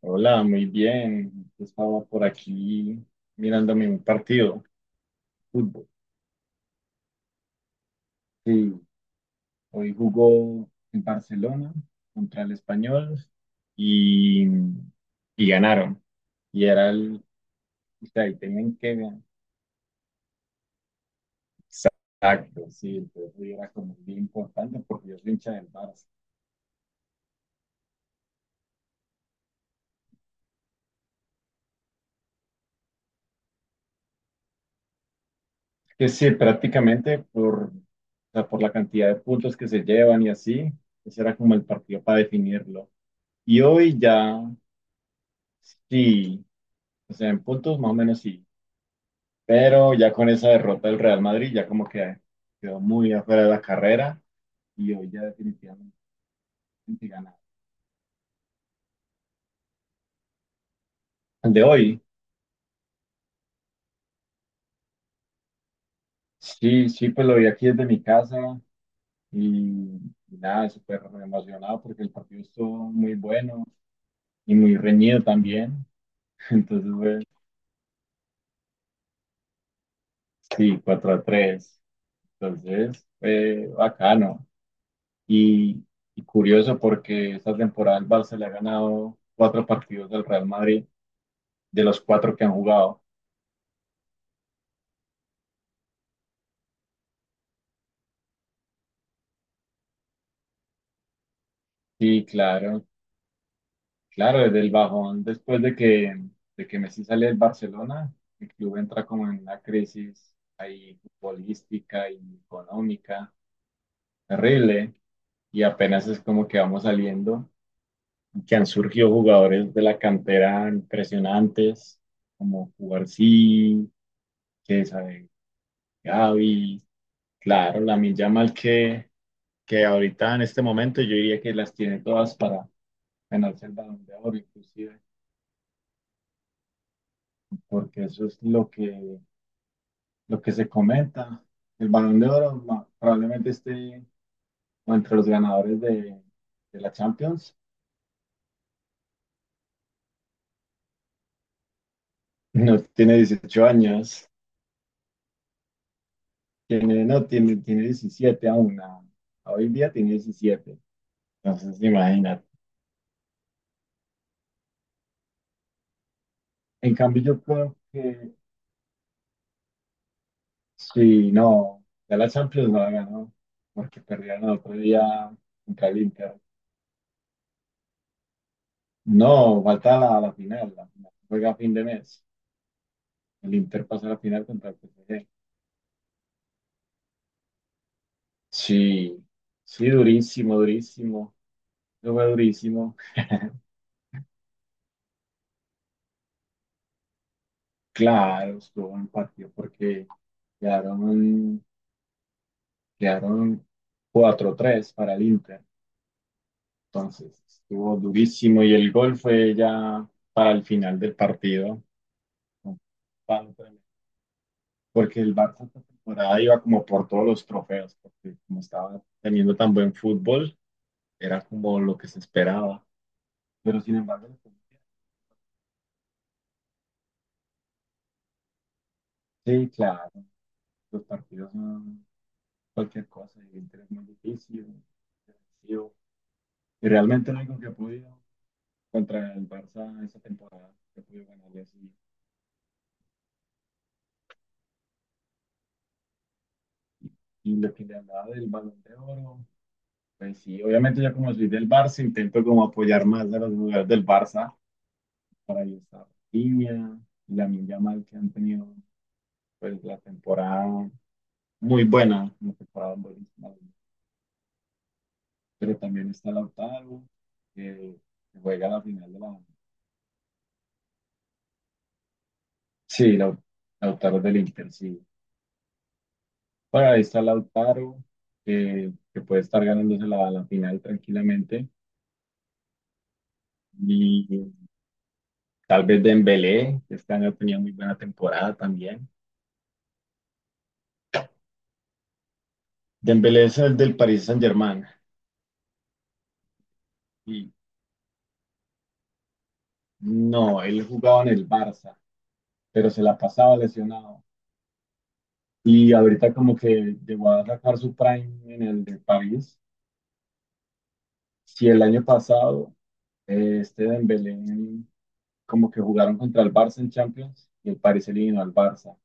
Hola, muy bien. Estaba por aquí mirándome un partido de fútbol. Sí, hoy jugó en Barcelona contra el Español y, y ganaron. Y era el, y tenían que ganar. Exacto, sí, entonces hoy era como bien importante porque yo soy hincha del Barça. Que sí, o sea, por la cantidad de puntos que se llevan y así, ese era como el partido para definirlo. Y hoy ya, sí. O sea, en puntos más o menos sí. Pero ya con esa derrota del Real Madrid, ya como que quedó muy afuera de la carrera y hoy ya definitivamente ganado. El de hoy, sí, sí, pues lo vi aquí desde mi casa y, y nada, súper emocionado porque el partido estuvo muy bueno y muy reñido también. Entonces fue, sí, 4-3. Entonces fue bacano y, y curioso porque esta temporada el Barça le ha ganado cuatro partidos del Real Madrid de los cuatro que han jugado. Sí, claro, claro, desde el bajón, de que Messi sale del Barcelona, el club entra como en una crisis ahí futbolística y económica terrible, y apenas es como que vamos saliendo, que han surgido jugadores de la cantera impresionantes, como Cubarsí, que sabe, Gavi, claro, que ahorita en este momento yo diría que las tiene todas para ganarse el Balón de Oro, inclusive. Porque eso es lo que se comenta. El Balón de Oro ma- Probablemente esté o entre los ganadores de la Champions. No tiene 18 años, tiene, no, tiene, tiene 17 aún. A Hoy en día tiene 17. Entonces, imagínate. En cambio, yo creo que si no, ya la Champions no la ganó, porque perdieron el otro día contra el Inter. No, falta la final, la final. Juega a fin de mes. El Inter pasa a la final contra el PSG. Sí, sí, durísimo, durísimo. Eso fue durísimo. Claro, estuvo un partido porque quedaron, quedaron 4-3 para el Inter. Entonces, estuvo durísimo y el gol fue ya para el final del partido. Un palo tremendo. Porque el Barça esta temporada iba como por todos los trofeos, porque como estaba teniendo tan buen fútbol, era como lo que se esperaba. Pero sin embargo, sí, claro, los partidos no. Cualquier cosa y Inter es muy difícil, defensivo. Y realmente lo único que ha podido contra el Barça esa temporada, que ha podido ganarle así. Y lo que le hablaba del Balón de Oro, pues sí, obviamente yo como soy del Barça intento como apoyar más a los jugadores del Barça para ahí estar línea y la Minja Mal que han tenido pues la temporada muy buena, una temporada buenísima. Pero también está Lautaro, que que juega la final de la... Sí, Lautaro del Inter, sí. Bueno, ahí está Lautaro, que puede estar ganándose la final tranquilamente. Y tal vez Dembélé, que este año tenía muy buena temporada también. Dembélé es el del Paris Saint-Germain. Y no, él jugaba en el Barça, pero se la pasaba lesionado. Y ahorita como que llegó a sacar su prime en el de París. Si el año pasado este Dembélé como que jugaron contra el Barça en Champions y el París eliminó al Barça.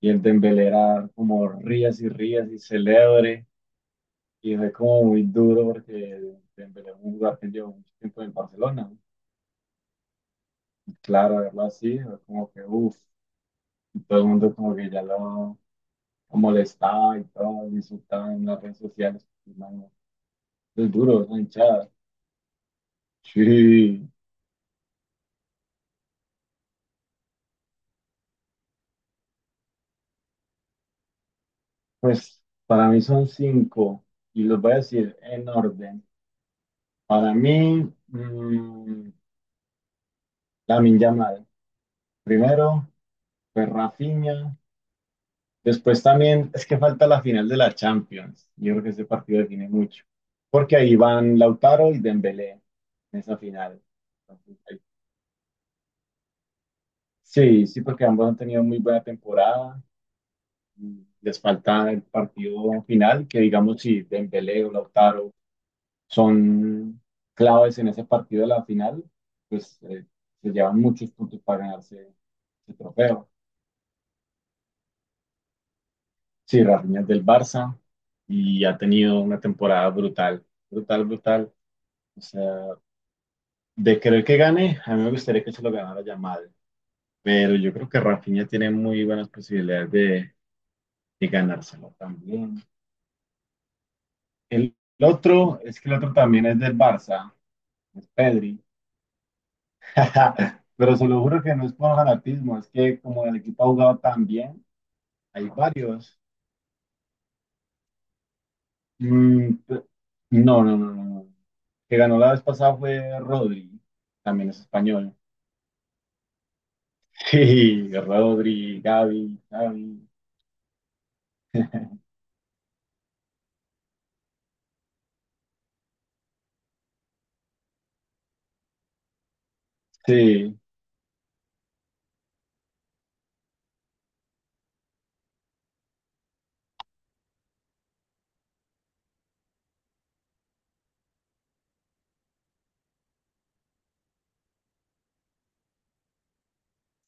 Y el Dembélé era como rías y rías y celebre. Y fue como muy duro porque Dembélé es un jugador que llevó mucho tiempo en Barcelona, ¿no? Claro, verlo así, fue como que uff. Y todo el mundo como que ya lo molestaba y todo, lo insultaba en las redes sociales. Y, mano, es duro, es una hinchada. Sí, pues para mí son cinco. Y los voy a decir en orden. Para mí, la Lamine Yamal. Primero, pues Rafinha. Después también es que falta la final de la Champions. Yo creo que ese partido define mucho. Porque ahí van Lautaro y Dembélé en esa final. Entonces, ahí- Sí, sí, porque ambos han tenido muy buena temporada. Y les falta el partido final, que digamos si Dembélé o Lautaro son claves en ese partido de la final, pues se llevan muchos puntos para ganarse ese trofeo. Sí, Rafinha es del Barça y ha tenido una temporada brutal, brutal, brutal. O sea, de querer que gane, a mí me gustaría que se lo ganara Yamal, pero yo creo que Rafinha tiene muy buenas posibilidades de ganárselo también. El otro también es del Barça, es Pedri. Pero se lo juro que no es por fanatismo, es que como el equipo ha jugado tan bien, hay varios. Mm, pe- no, no. Que ganó la vez pasada fue Rodri, también es español. Sí, Rodri, Gavi. Sí,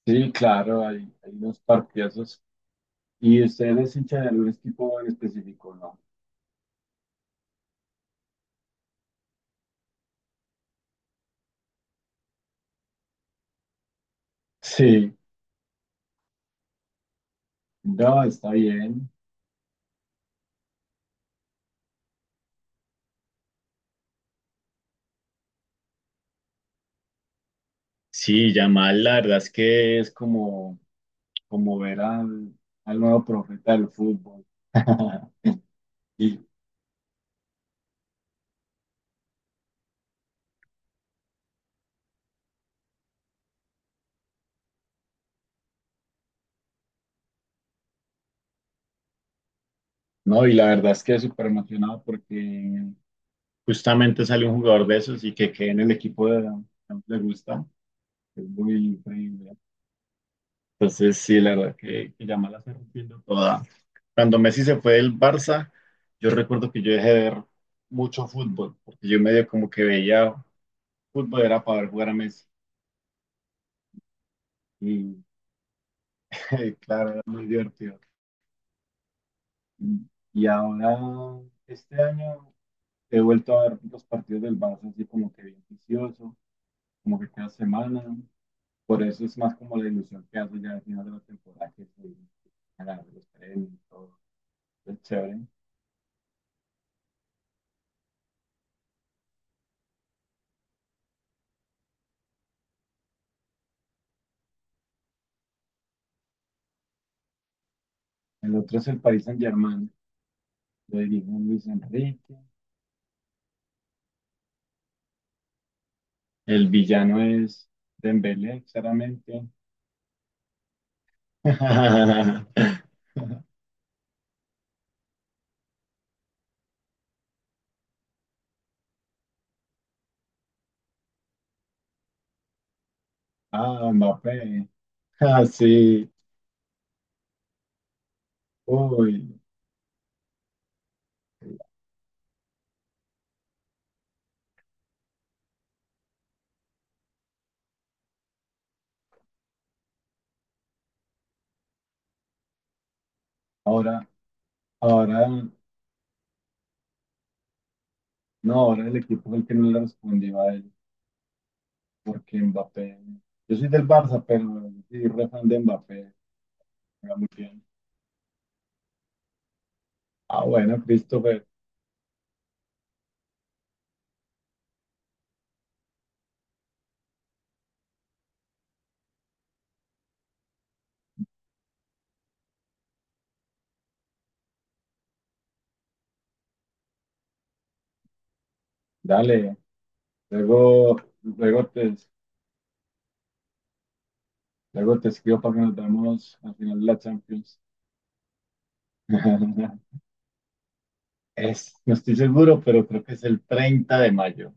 sí, claro, hay unos partidazos. ¿Y usted es hincha de algún equipo en específico, no? Sí, no, está bien. Sí, Yamal, la verdad es que es como, como ver al nuevo profeta del fútbol. y, no, y la verdad es que es súper emocionado porque justamente sale un jugador de esos y que quede en el equipo de que más le gusta. Es muy increíble. Entonces, sí, que Yamal la está rompiendo toda. Cuando Messi se fue del Barça, yo recuerdo que yo dejé de ver mucho fútbol, porque yo medio como que veía fútbol era para ver jugar a Messi. Y claro, era muy divertido. Y y ahora, este año, he vuelto a ver los partidos del Barça así como que bien vicioso, como que cada semana. Por eso es más como la ilusión que hace ya al final de la temporada, que se ganar los premios y todo. Es chévere. El otro es el Paris Saint-Germain, lo dirige Luis Enrique. El villano es Dembélé, claramente. Ah, Mbappé. Ah, sí. Uy, ahora, ahora, no, ahora el equipo fue el que no le respondió a él, porque Mbappé. Yo soy del Barça, pero sí, re fan de Mbappé. Juega muy bien. Ah, bueno, Christopher, dale. Luego, luego te, luego te escribo para que nos veamos al final de la Champions. Es, no estoy seguro, pero creo que es el 30 de mayo.